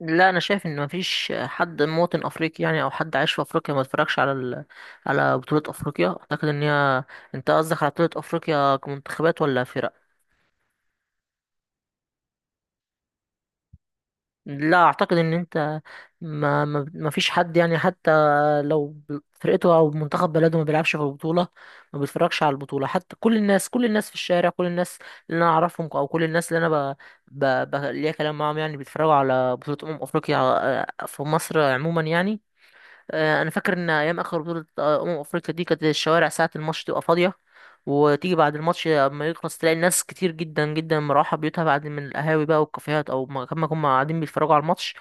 لا انا شايف ان مفيش حد مواطن افريقي يعني او حد عايش في افريقيا ما اتفرجش على على بطولة افريقيا. اعتقد ان هي انت قصدك على بطولة افريقيا كمنتخبات ولا فرق. لا اعتقد ان انت ما فيش حد يعني، حتى لو فرقته او منتخب بلده ما بيلعبش في البطولة ما بيتفرجش على البطولة. حتى كل الناس، كل الناس في الشارع، كل الناس اللي انا اعرفهم او كل الناس اللي انا ليا كلام معاهم يعني بيتفرجوا على بطولة افريقيا. في مصر عموما يعني. انا فاكر ان ايام اخر بطوله افريقيا دي كانت الشوارع ساعه الماتش تبقى فاضيه، وتيجي بعد الماتش اما يخلص تلاقي الناس كتير جدا جدا مروحه بيوتها بعد من القهاوي بقى والكافيهات او ما كما هم قاعدين بيتفرجوا على الماتش.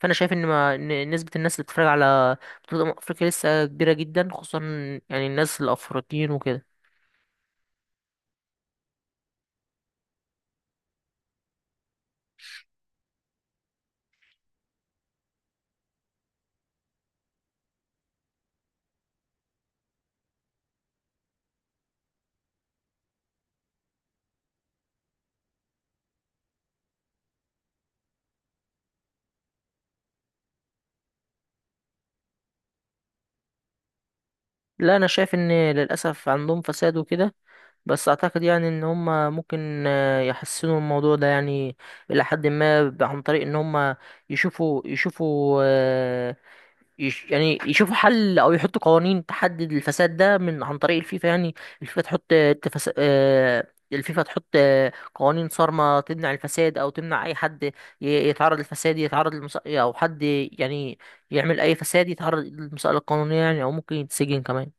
فانا شايف ان ما إن نسبه الناس اللي بتتفرج على بطوله افريقيا لسه كبيره جدا، خصوصا يعني الناس الافريقيين وكده. لا انا شايف ان للاسف عندهم فساد وكده، بس اعتقد يعني ان هم ممكن يحسنوا الموضوع ده يعني الى حد ما عن طريق ان هم يشوفوا يش يعني يشوفوا حل او يحطوا قوانين تحدد الفساد ده من عن طريق الفيفا يعني. الفيفا تحط آه، تفس... آه، الفيفا تحط قوانين صارمة تمنع الفساد او تمنع اي حد يتعرض للفساد، يتعرض او حد يعني يعمل اي فساد يتعرض للمسألة القانونية يعني، او ممكن يتسجن كمان.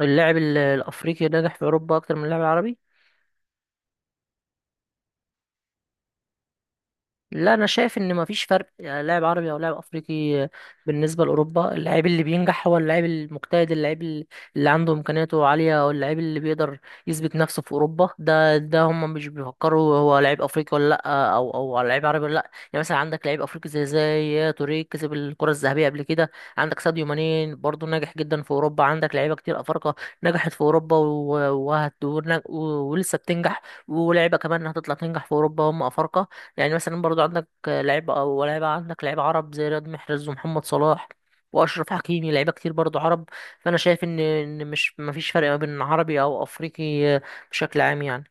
اللاعب الافريقي نجح في اوروبا اكتر من اللاعب العربي. لا انا شايف ان مفيش فرق يعني لاعب عربي او لاعب افريقي. بالنسبه لاوروبا، اللاعب اللي بينجح هو اللاعب المجتهد، اللاعب اللي عنده امكانياته عاليه، او اللاعب اللي بيقدر يثبت نفسه في اوروبا. ده هم مش بيفكروا هو لاعب افريقي ولا لا، او او لاعب عربي ولا لا، يعني مثلا عندك لاعب افريقي زي توريه كسب الكره الذهبيه قبل كده، عندك ساديو ماني برضه ناجح جدا في اوروبا، عندك لعيبه كتير افارقه نجحت في اوروبا ولسه بتنجح، ولاعيبه كمان هتطلع تنجح في اوروبا هم افارقه. يعني مثلا برضو عندك لعيبة عرب زي رياض محرز ومحمد صلاح وأشرف حكيمي، لعيبة كتير برضو عرب. فأنا شايف إن إن مش مفيش فرق ما بين عربي أو أفريقي بشكل عام يعني.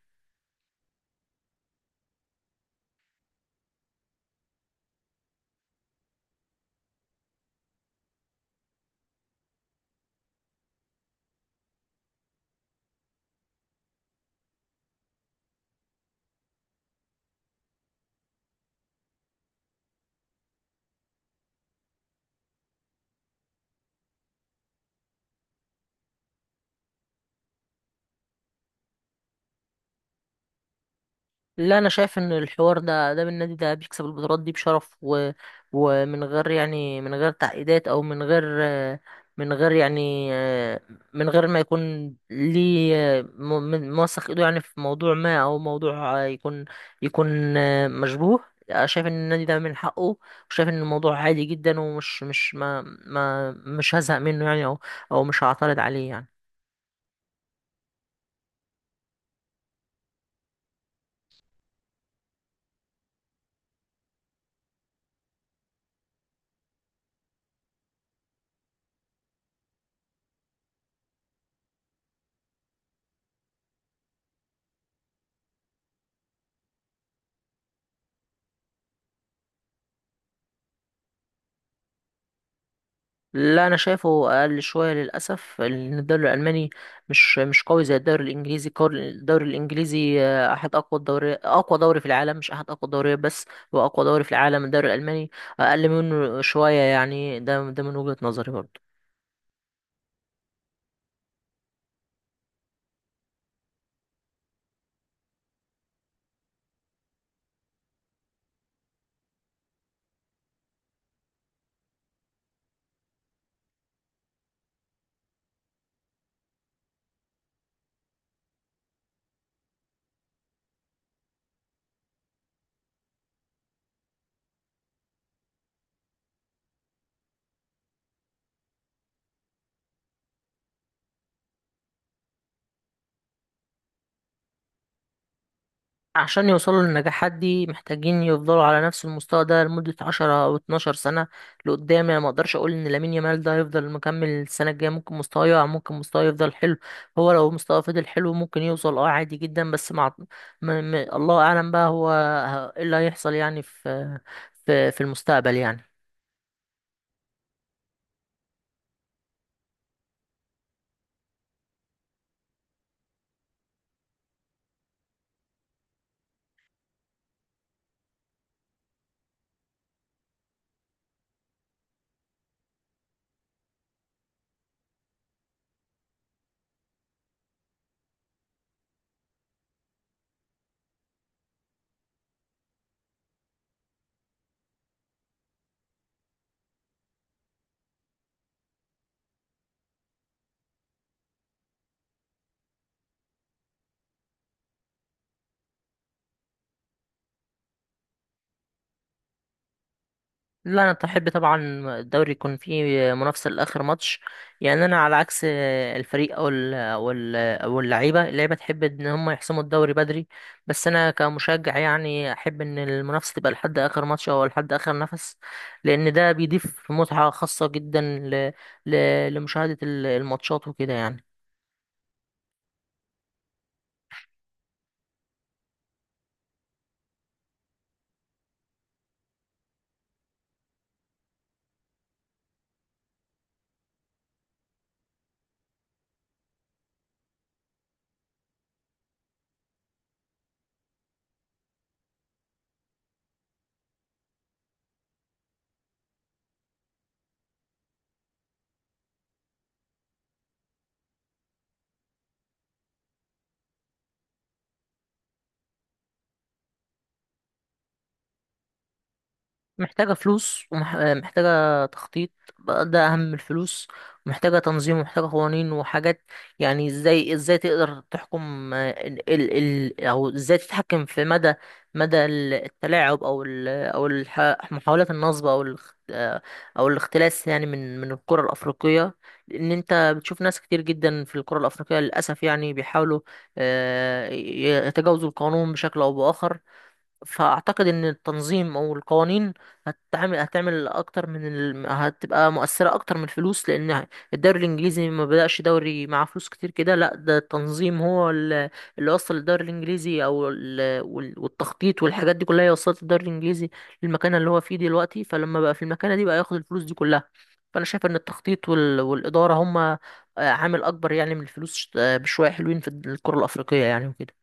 لا انا شايف ان الحوار ده، بالنادي ده بيكسب البطولات دي بشرف ومن غير يعني، من غير تعقيدات، او من غير، من غير يعني من غير ما يكون ليه موثق ايده يعني في موضوع ما، او موضوع يكون يكون مشبوه. شايف ان النادي ده من حقه، وشايف ان الموضوع عادي جدا، ومش مش ما ما مش هزهق منه يعني، او او مش هعترض عليه يعني. لا انا شايفه اقل شويه للاسف، لان الدوري الالماني مش قوي زي الدوري الانجليزي. الدوري الانجليزي احد اقوى اقوى دوري في العالم، مش احد اقوى الدوريات بس، هو اقوى دوري في العالم. الدوري الالماني اقل منه شويه يعني، ده من وجهه نظري برضه. عشان يوصلوا للنجاحات دي محتاجين يفضلوا على نفس المستوى ده لمدة عشرة أو اتناشر سنة لقدام يعني. مقدرش أقول إن لامين يامال ده هيفضل مكمل السنة الجاية، ممكن مستواه يقع، ممكن مستواه يفضل حلو. هو لو مستواه فضل حلو ممكن يوصل، أه عادي جدا، بس مع الله أعلم بقى هو إيه اللي هيحصل يعني في في المستقبل يعني. لا انا احب طبعا الدوري يكون فيه منافسه لاخر ماتش. يعني انا على عكس الفريق او ال او ال او اللعيبه، اللعيبه تحب ان هم يحسموا الدوري بدري، بس انا كمشجع يعني احب ان المنافسه تبقى لحد اخر ماتش او لحد اخر نفس، لان ده بيضيف متعه خاصه جدا ل ل لمشاهده الماتشات وكده يعني. محتاجة فلوس ومحتاجة تخطيط، بقى ده أهم من الفلوس، ومحتاجة تنظيم ومحتاجة قوانين وحاجات. يعني ازاي تقدر تحكم ال ال ال أو ازاي تتحكم في مدى التلاعب، أو محاولات النصب، أو الاختلاس يعني من القرى الأفريقية. لأن أنت بتشوف ناس كتير جدا في القرى الأفريقية للأسف يعني بيحاولوا يتجاوزوا القانون بشكل أو بآخر. فاعتقد ان التنظيم او القوانين هتعمل اكتر من هتبقى مؤثره اكتر من الفلوس، لان الدوري الانجليزي ما بدأش دوري معاه فلوس كتير كده، لا ده التنظيم هو اللي وصل الدوري الانجليزي، او والتخطيط والحاجات دي كلها هي وصلت الدوري الانجليزي للمكانه اللي هو فيه دلوقتي، فلما بقى في المكانه دي بقى ياخد الفلوس دي كلها. فانا شايف ان التخطيط والاداره هما عامل اكبر يعني من الفلوس بشويه حلوين في الكره الافريقيه يعني وكده.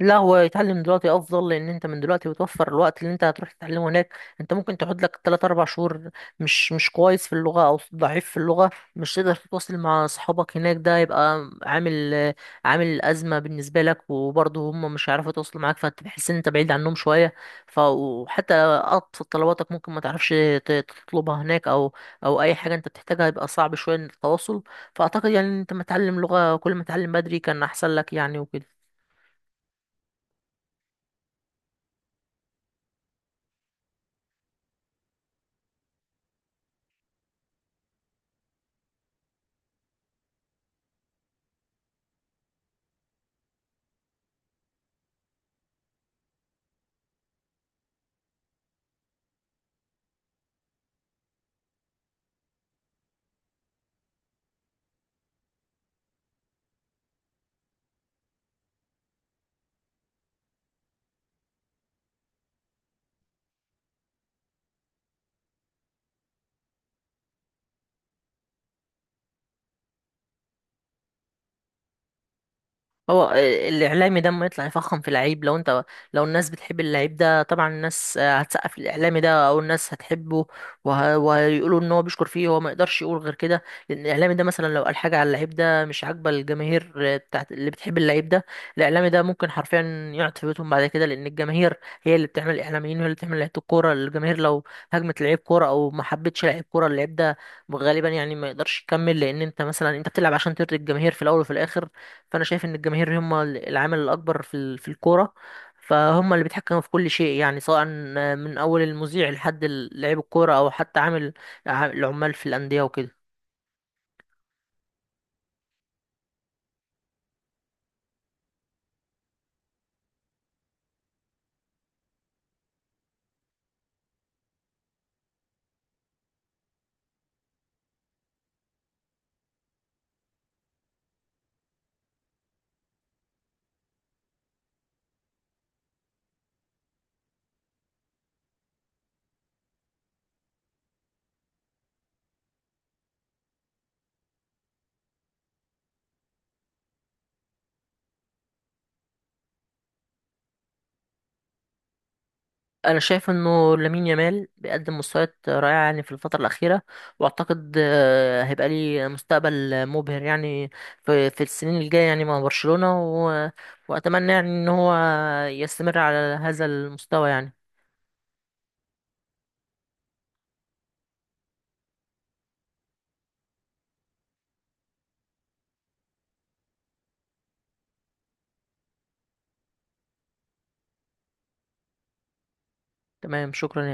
لا هو يتعلم دلوقتي افضل، لان انت من دلوقتي بتوفر الوقت اللي انت هتروح تتعلمه هناك. انت ممكن تقعد لك 3 4 شهور مش مش كويس في اللغه او ضعيف في اللغه، مش تقدر تتواصل مع اصحابك هناك، ده يبقى عامل ازمه بالنسبه لك، وبرضه هم مش هيعرفوا يتواصلوا معاك، فتحس ان انت بعيد عنهم شويه. ف وحتى ابسط طلباتك ممكن ما تعرفش تطلبها هناك، او او اي حاجه انت بتحتاجها يبقى صعب شويه إن التواصل. فاعتقد يعني انت ما تتعلم لغه كل ما تتعلم بدري كان احسن لك يعني وكده. هو الاعلامي ده اما يطلع يفخم في لعيب، لو انت لو الناس بتحب اللعيب ده، طبعا الناس هتسقف الاعلامي ده او الناس هتحبه، وهيقولوا ان هو بيشكر فيه، هو ما يقدرش يقول غير كده، لان الاعلامي ده مثلا لو قال حاجه على اللعيب ده مش عاجبه الجماهير بتاعت اللي بتحب اللعيب ده، الاعلامي ده ممكن حرفيا يقعد في بيتهم بعد كده، لان الجماهير هي اللي بتعمل الاعلاميين وهي اللي بتعمل لعيبه الكوره. الجماهير لو هجمت لعيب كوره او ما حبتش لعيب كوره، اللعيب ده غالبا يعني ما يقدرش يكمل، لان انت مثلا انت بتلعب عشان ترضي الجماهير في الاول وفي الاخر. فانا شايف ان الجماهير هم العامل الاكبر في في الكوره، فهم اللي بيتحكموا في كل شيء يعني، سواء من اول المذيع لحد لعيب الكوره او حتى العمال في الانديه وكده. انا شايف انه لامين يامال بيقدم مستويات رائعه يعني في الفتره الاخيره، واعتقد هيبقى ليه مستقبل مبهر يعني في السنين الجايه يعني مع برشلونه واتمنى يعني ان هو يستمر على هذا المستوى يعني. تمام، شكرا.